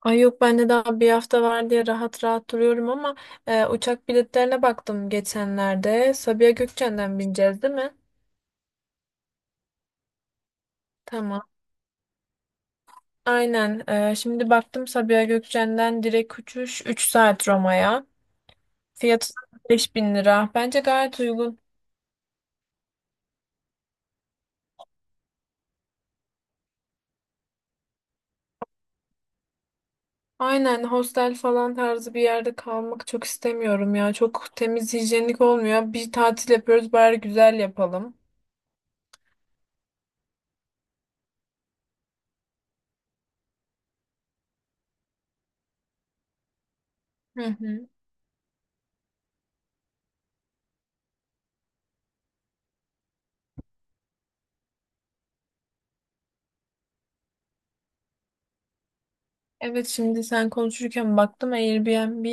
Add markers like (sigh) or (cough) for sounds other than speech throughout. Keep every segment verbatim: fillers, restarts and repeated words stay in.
Ay yok ben de daha bir hafta var diye rahat rahat duruyorum ama e, uçak biletlerine baktım geçenlerde. Sabiha Gökçen'den bineceğiz değil mi? Tamam. Aynen. E, şimdi baktım Sabiha Gökçen'den direkt uçuş üç saat Roma'ya. Fiyatı beş bin lira. Bence gayet uygun. Aynen, hostel falan tarzı bir yerde kalmak çok istemiyorum ya. Çok temiz hijyenik olmuyor. Bir tatil yapıyoruz, bari güzel yapalım. Hı hı. Evet, şimdi sen konuşurken baktım Airbnb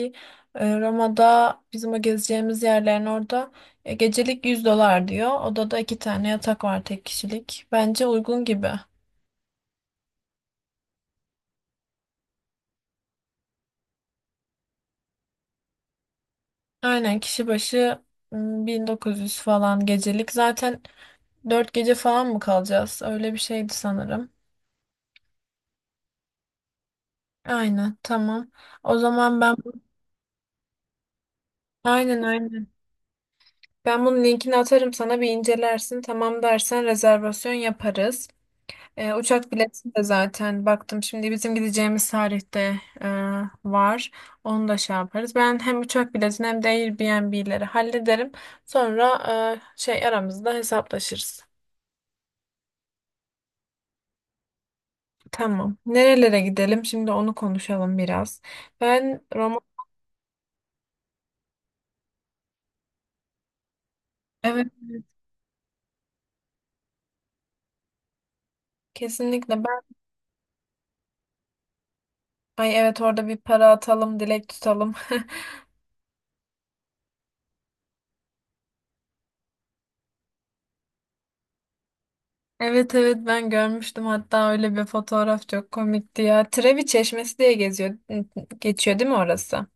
e, Roma'da bizim o gezeceğimiz yerlerin orada e, gecelik yüz dolar diyor. Odada iki tane yatak var, tek kişilik. Bence uygun gibi. Aynen, kişi başı m, bin dokuz yüz falan gecelik. Zaten dört gece falan mı kalacağız? Öyle bir şeydi sanırım. Aynen, tamam. O zaman ben. Aynen, aynen. Ben bunun linkini atarım, sana bir incelersin. Tamam dersen rezervasyon yaparız. E, uçak bileti de zaten baktım, şimdi bizim gideceğimiz tarihte e, var. Onu da şey yaparız. Ben hem uçak biletini hem de Airbnb'leri hallederim. Sonra e, şey, aramızda hesaplaşırız. Tamam. Nerelere gidelim? Şimdi onu konuşalım biraz. Ben Roma. Evet. Kesinlikle, ben, ay evet, orada bir para atalım, dilek tutalım. (laughs) Evet, evet, ben görmüştüm hatta, öyle bir fotoğraf çok komikti ya. Trevi Çeşmesi diye geziyor geçiyor değil mi orası?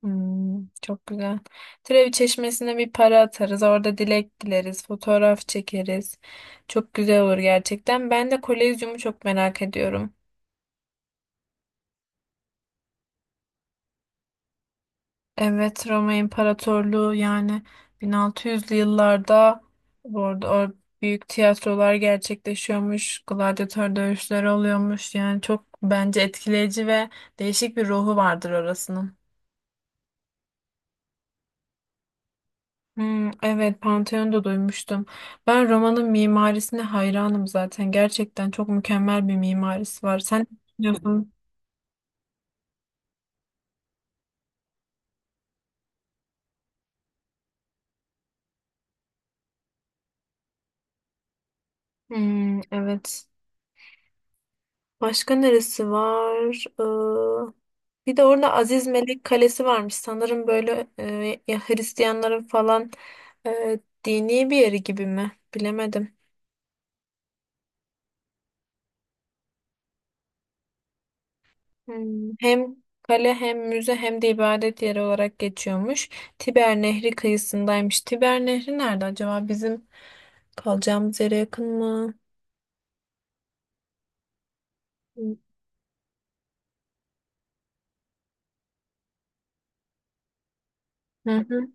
Hmm, çok güzel. Trevi Çeşmesi'ne bir para atarız. Orada dilek dileriz. Fotoğraf çekeriz. Çok güzel olur gerçekten. Ben de Kolezyum'u çok merak ediyorum. Evet, Roma İmparatorluğu yani bin altı yüzlü yıllarda, bu arada, o büyük tiyatrolar gerçekleşiyormuş. Gladyatör dövüşleri oluyormuş. Yani çok bence etkileyici ve değişik bir ruhu vardır orasının. Hmm, evet, Pantheon'da duymuştum. Ben Roma'nın mimarisine hayranım zaten. Gerçekten çok mükemmel bir mimarisi var. Sen ne düşünüyorsun? Hmm, evet. Başka neresi var? Ee, bir de orada Aziz Melek Kalesi varmış. Sanırım böyle e, ya Hristiyanların falan e, dini bir yeri gibi mi? Bilemedim. Hmm, hem kale hem müze hem de ibadet yeri olarak geçiyormuş. Tiber Nehri kıyısındaymış. Tiber Nehri nerede acaba? Bizim kalacağımız yere yakın mı? Hı hı.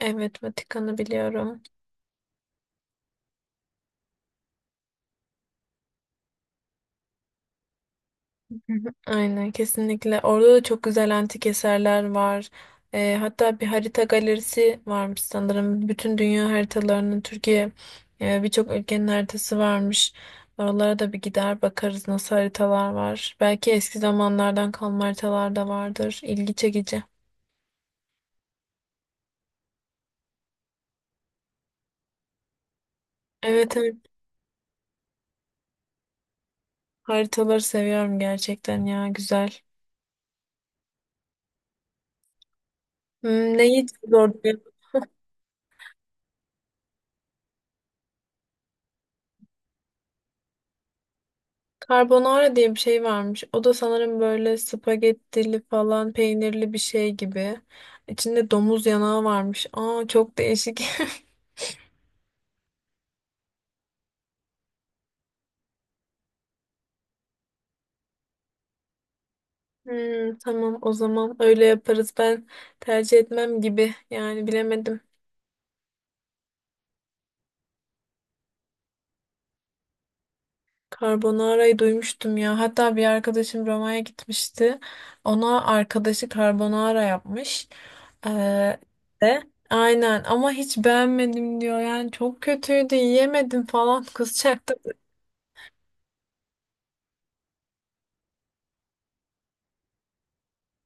Evet, Vatikan'ı biliyorum. Hı hı. Aynen, kesinlikle. Orada da çok güzel antik eserler var. Ee, hatta bir harita galerisi varmış sanırım. Bütün dünya haritalarının, Türkiye e, birçok ülkenin haritası varmış. Oralara da bir gider bakarız nasıl haritalar var. Belki eski zamanlardan kalma haritalar da vardır. İlgi çekici. Evet, evet, haritaları seviyorum gerçekten ya, güzel. Hmm, ne yiyeceğiz orada? Carbonara diye bir şey varmış. O da sanırım böyle spagettili falan, peynirli bir şey gibi. İçinde domuz yanağı varmış. Aa, çok değişik. (laughs) Hmm, tamam, o zaman öyle yaparız. Ben tercih etmem gibi. Yani bilemedim. Carbonara'yı duymuştum ya. Hatta bir arkadaşım Roma'ya gitmişti. Ona arkadaşı carbonara yapmış. Ee, de aynen, ama hiç beğenmedim diyor. Yani çok kötüydü, yiyemedim falan (laughs) kızacaktım.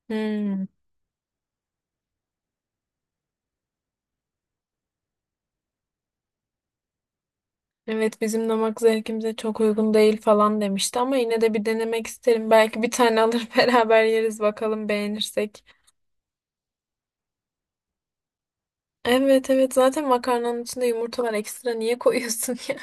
Hmm. Evet, bizim damak zevkimize çok uygun değil falan demişti, ama yine de bir denemek isterim. Belki bir tane alır (laughs) beraber yeriz, bakalım beğenirsek. Evet, evet, zaten makarnanın içinde yumurta var, ekstra niye koyuyorsun (laughs) yani?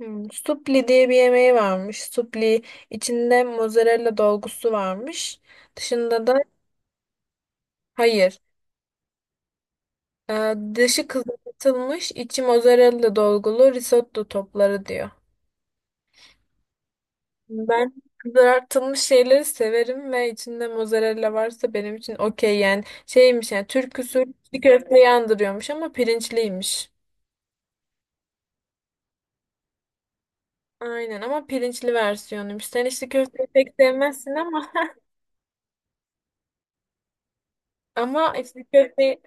Hmm, supli diye bir yemeği varmış. Supli içinde mozzarella dolgusu varmış. Dışında da hayır. Ee, dışı kızartılmış, içi mozzarella dolgulu risotto topları diyor. Ben kızartılmış şeyleri severim ve içinde mozzarella varsa benim için okey, yani şeymiş, yani Türk usulü içli köfte yandırıyormuş ama pirinçliymiş. Aynen, ama pirinçli versiyonuymuş. Sen içli köfteyi pek sevmezsin ama (laughs) ama içli köfteyi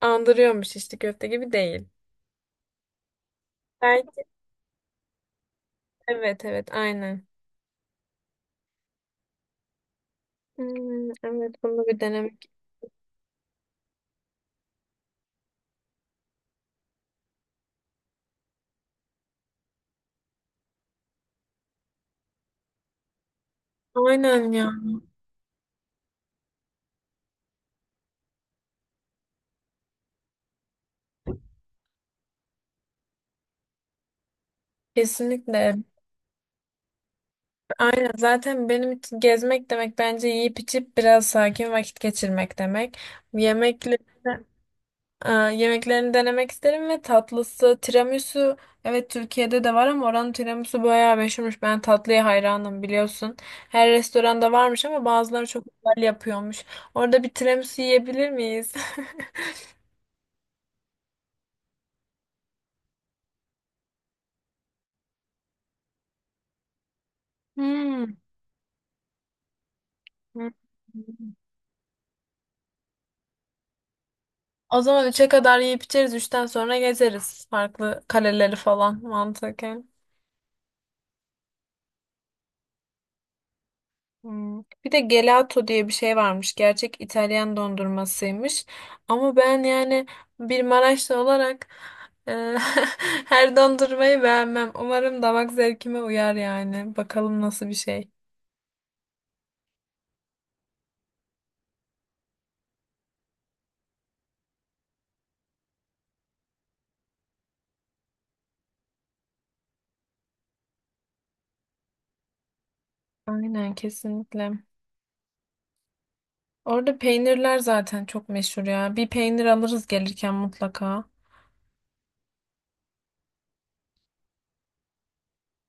andırıyormuş, içli köfte gibi değil. Belki, evet, evet, aynen. Hmm, evet, bunu bir denemek. Aynen ya. Kesinlikle. Aynen, zaten benim için gezmek demek bence yiyip içip biraz sakin vakit geçirmek demek. Yemekleri, aa, yemeklerini denemek isterim ve tatlısı tiramisu, evet Türkiye'de de var ama oranın tiramisu bayağı meşhurmuş. Ben tatlıya hayranım, biliyorsun. Her restoranda varmış ama bazıları çok güzel yapıyormuş. Orada bir tiramisu yiyebilir miyiz? (laughs) Hmm. Hmm. O zaman üçe kadar yiyip içeriz. Üçten sonra gezeriz farklı kaleleri falan mantıken. Hmm. Bir de gelato diye bir şey varmış. Gerçek İtalyan dondurmasıymış. Ama ben yani bir Maraşlı olarak e, (laughs) her dondurmayı beğenmem. Umarım damak zevkime uyar yani. Bakalım nasıl bir şey. Aynen, kesinlikle. Orada peynirler zaten çok meşhur ya. Bir peynir alırız gelirken mutlaka.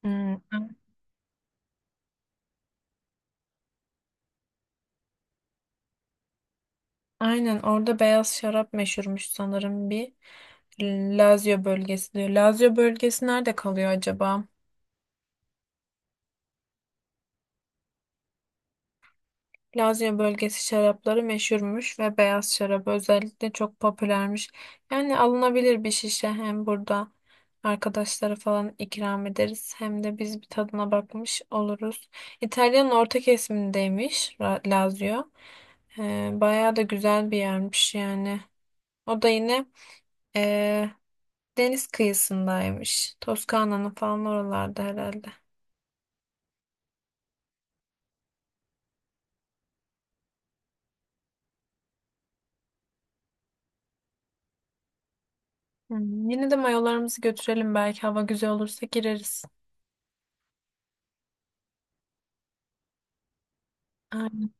Hmm. Aynen, orada beyaz şarap meşhurmuş sanırım bir. Lazio bölgesi diyor. Lazio bölgesi nerede kalıyor acaba? Lazio bölgesi şarapları meşhurmuş ve beyaz şarap özellikle çok popülermiş. Yani alınabilir bir şişe, hem burada arkadaşlara falan ikram ederiz, hem de biz bir tadına bakmış oluruz. İtalya'nın orta kesimindeymiş, Ra- Lazio. Ee, bayağı da güzel bir yermiş yani. O da yine deniz kıyısındaymış. Toskana'nın falan oralarda herhalde. Hmm, yine de mayolarımızı götürelim, belki hava güzel olursa gireriz. Aynen,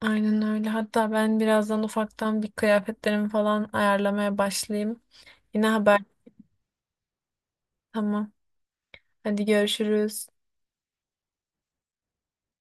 aynen öyle. Hatta ben birazdan ufaktan bir kıyafetlerimi falan ayarlamaya başlayayım. Yine haber. Tamam. Hadi görüşürüz.